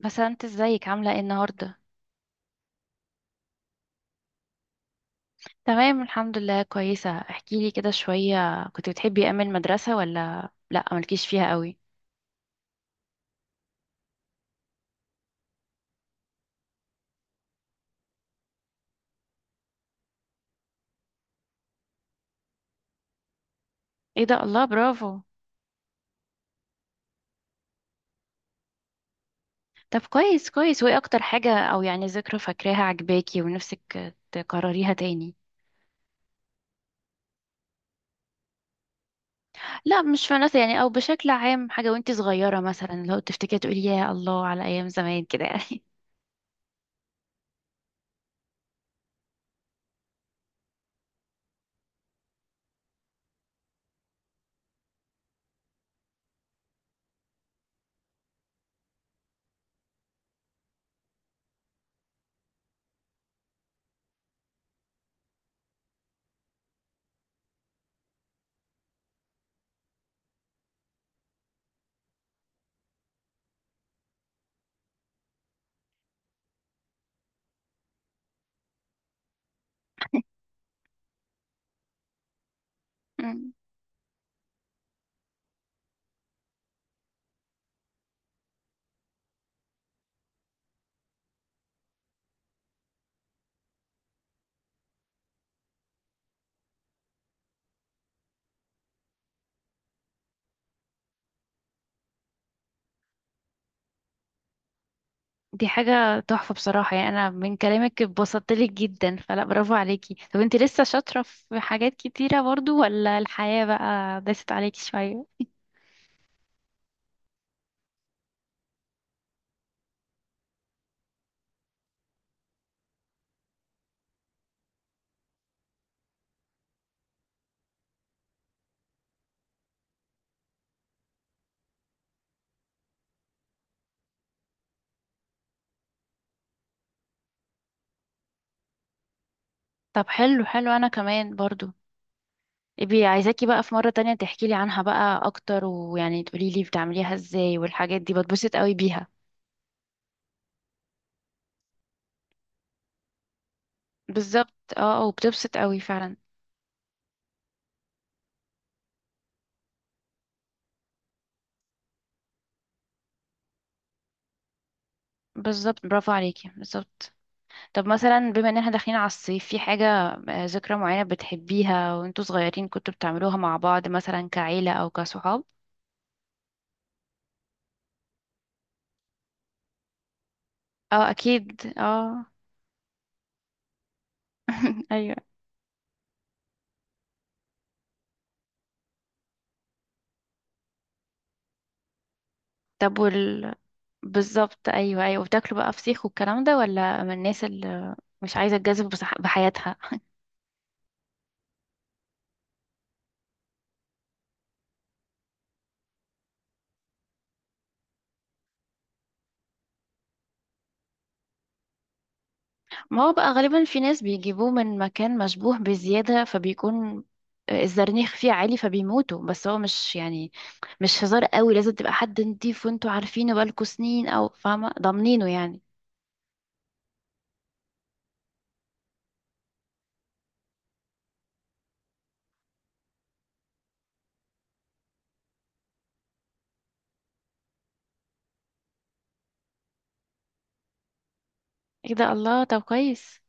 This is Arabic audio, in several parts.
بس انت ازيك؟ عاملة ايه النهاردة؟ تمام الحمد لله، كويسة. احكيلي كده شوية، كنت بتحبي ايام المدرسة ولا لا مالكيش فيها قوي؟ ايه ده، الله، برافو. طب كويس كويس، وايه اكتر حاجة او يعني ذكرى فاكراها عجباكي ونفسك تكرريها تاني؟ لا مش فنانة يعني، او بشكل عام حاجة وانت صغيرة مثلا لو تفتكري تقولي يا الله على ايام زمان كده يعني. دي حاجة تحفة بصراحة، يعني أنا من كلامك اتبسطت لك جدا، فلا برافو عليكي. طب انت لسه شاطرة في حاجات كتيرة برضو، ولا الحياة بقى داست عليكي شوية؟ طب حلو حلو، أنا كمان برضو. ابي عايزاكي بقى في مرة تانية تحكي لي عنها بقى أكتر، ويعني تقولي لي بتعمليها ازاي، والحاجات دي بتبسط قوي بيها. بالظبط، اه، وبتبسط قوي فعلا. بالظبط، برافو عليكي، بالظبط. طب مثلا بما ان احنا داخلين على الصيف، في حاجة ذكرى معينة بتحبيها وانتوا صغيرين كنتوا بتعملوها مع بعض، مثلا كعيلة او كصحاب؟ اه اكيد اه. ايوه. طب وال بالظبط ايوه ايوه. وبتاكلوا بقى فسيخ والكلام ده، ولا من الناس اللي مش عايزة تجازف بحياتها؟ ما هو بقى غالبا في ناس بيجيبوه من مكان مشبوه بزيادة، فبيكون الزرنيخ فيه عالي فبيموتوا، بس هو مش يعني، مش هزار قوي، لازم تبقى حد نضيف وانتوا عارفينه بقالكوا سنين، او فاهمة ضامنينه يعني. ايه ده، الله، طب كويس.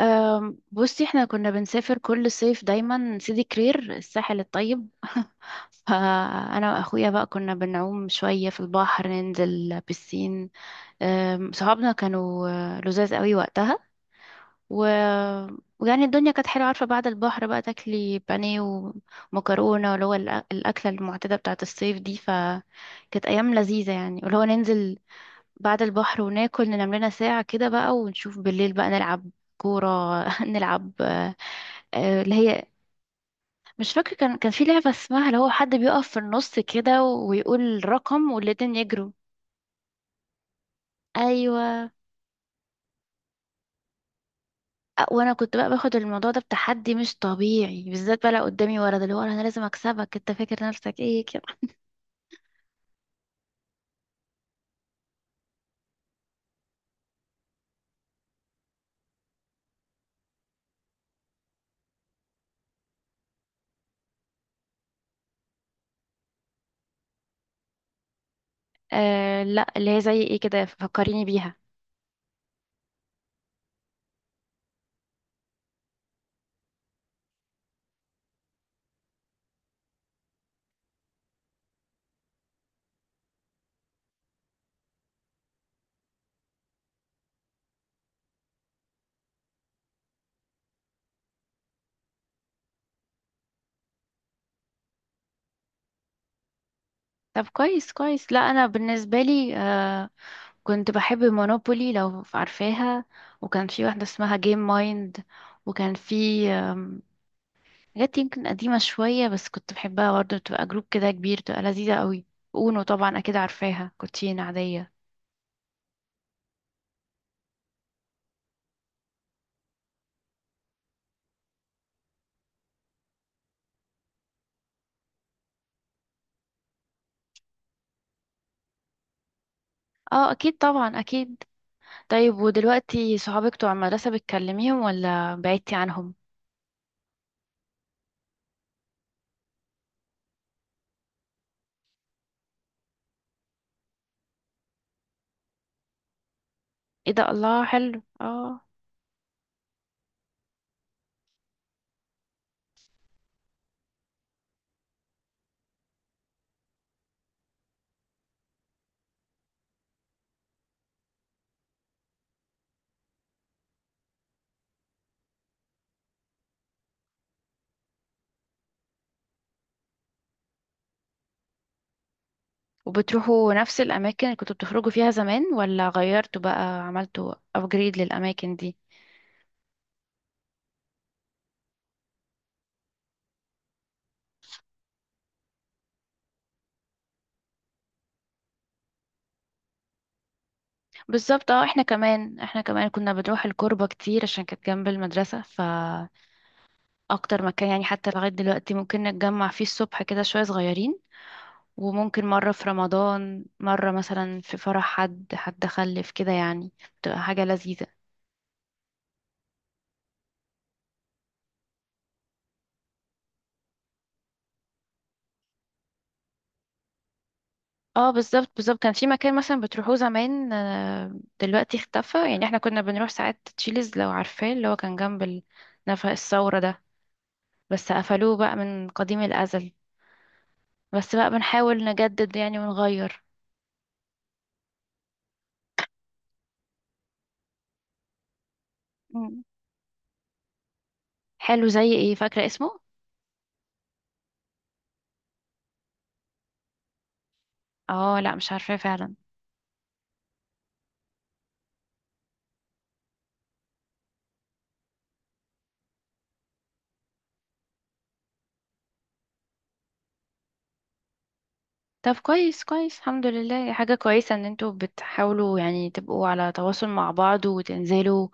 بصي احنا كنا بنسافر كل صيف دايما سيدي كرير، الساحل الطيب. فانا واخويا بقى كنا بنعوم شوية في البحر، ننزل بسين. صحابنا كانوا لزاز قوي وقتها. و... ويعني الدنيا كانت حلوة، عارفة بعد البحر بقى تاكلي بانيه ومكرونة، اللي هو الأكلة المعتادة بتاعة الصيف دي، فكانت أيام لذيذة يعني، واللي هو ننزل بعد البحر وناكل، ننام لنا ساعة كده بقى، ونشوف بالليل بقى نلعب كورة. نلعب اللي هي مش فاكرة، كان في لعبة اسمها اللي هو حد بيقف في النص كده ويقول رقم والاتنين يجروا. أيوة. وانا كنت بقى باخد الموضوع ده بتحدي مش طبيعي، بالذات بقى لو قدامي ولد، اللي هو انا لازم اكسبك، انت فاكر نفسك ايه كده. آه لا، اللي هي زي ايه كده، فكريني بيها. طب كويس كويس. لا انا بالنسبه لي كنت بحب مونوبولي، لو عارفاها. وكان في واحده اسمها جيم مايند. وكان في حاجات يمكن قديمه شويه، بس كنت بحبها برضه، بتبقى جروب كده كبير، بتبقى لذيذه قوي. اونو طبعا اكيد عارفاها، كوتشينه عاديه. اه اكيد طبعا اكيد. طيب ودلوقتي صحابك بتوع المدرسة بتكلميهم ولا بعدتي عنهم؟ ايه ده، الله، حلو اه. وبتروحوا نفس الاماكن اللي كنتوا بتخرجوا فيها زمان، ولا غيرتوا بقى عملتوا ابجريد للاماكن دي؟ بالظبط اه، احنا كمان احنا كمان كنا بنروح الكوربة كتير عشان كانت جنب المدرسة، فاكتر مكان يعني حتى لغاية دلوقتي ممكن نتجمع فيه الصبح كده شوية صغيرين، وممكن مرة في رمضان، مرة مثلا في فرح حد حد خلف كده يعني. بتبقى حاجة لذيذة. اه بالظبط بالظبط، كان في مكان مثلا بتروحوه زمان دلوقتي اختفى، يعني احنا كنا بنروح ساعات تشيلز لو عارفاه، اللي هو كان جنب نفق الثورة ده، بس قفلوه بقى من قديم الأزل. بس بقى بنحاول نجدد يعني ونغير. مم. حلو، زي ايه؟ فاكرة اسمه؟ اه لا مش عارفاه فعلا. طب كويس كويس، الحمد لله حاجة كويسة ان انتوا بتحاولوا يعني تبقوا على تواصل مع بعض، وتنزلوا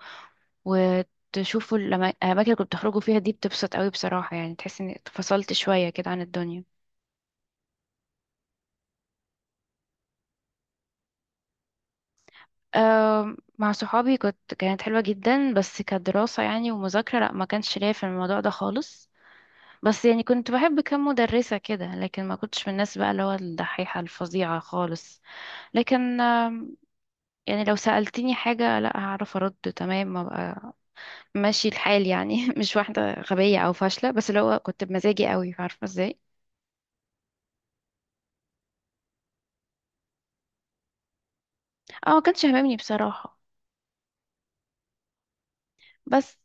وتشوفوا الأماكن اللي كنتوا بتخرجوا فيها دي، بتبسط قوي بصراحة، يعني تحس إني اتفصلت شوية كده عن الدنيا. مع صحابي كنت، كانت حلوة جدا، بس كدراسة يعني ومذاكرة لأ، ما كانش ليا في الموضوع ده خالص. بس يعني كنت بحب كام مدرسة كده، لكن ما كنتش من الناس بقى اللي هو الدحيحة الفظيعة خالص. لكن يعني لو سألتني حاجة لا، هعرف أرد تمام، أبقى ماشي الحال يعني. مش واحدة غبية أو فاشلة، بس اللي هو كنت بمزاجي قوي، عارفة ازاي. اه ما كانش هممني بصراحة. بس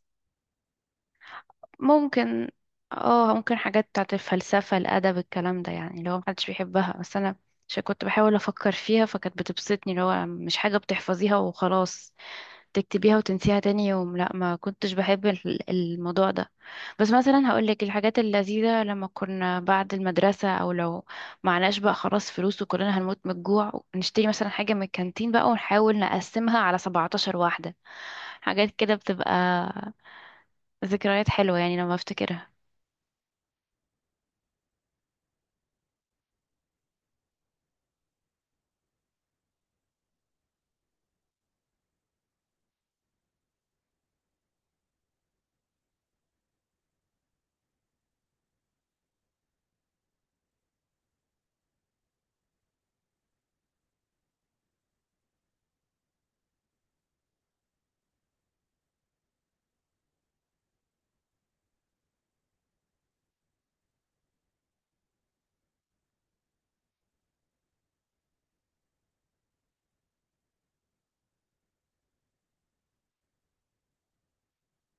ممكن، اه ممكن، حاجات بتاعت الفلسفة الأدب الكلام ده يعني، اللي هو محدش بيحبها بس أنا مش كنت بحاول أفكر فيها، فكانت بتبسطني، اللي هو مش حاجة بتحفظيها وخلاص تكتبيها وتنسيها تاني يوم، لأ ما كنتش بحب الموضوع ده. بس مثلا هقولك الحاجات اللذيذة لما كنا بعد المدرسة، أو لو معناش بقى خلاص فلوس وكلنا هنموت من الجوع، نشتري مثلا حاجة من الكانتين بقى ونحاول نقسمها على 17 واحدة. حاجات كده بتبقى ذكريات حلوة يعني لما افتكرها.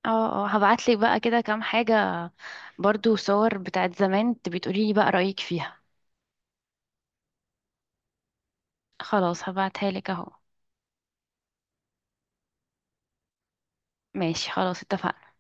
اه اه، هبعتلك بقى كده كام حاجة، برضو صور بتاعت زمان، تبي تقولي لي بقى رأيك فيها. خلاص هبعتها لك اهو. ماشي خلاص، اتفقنا.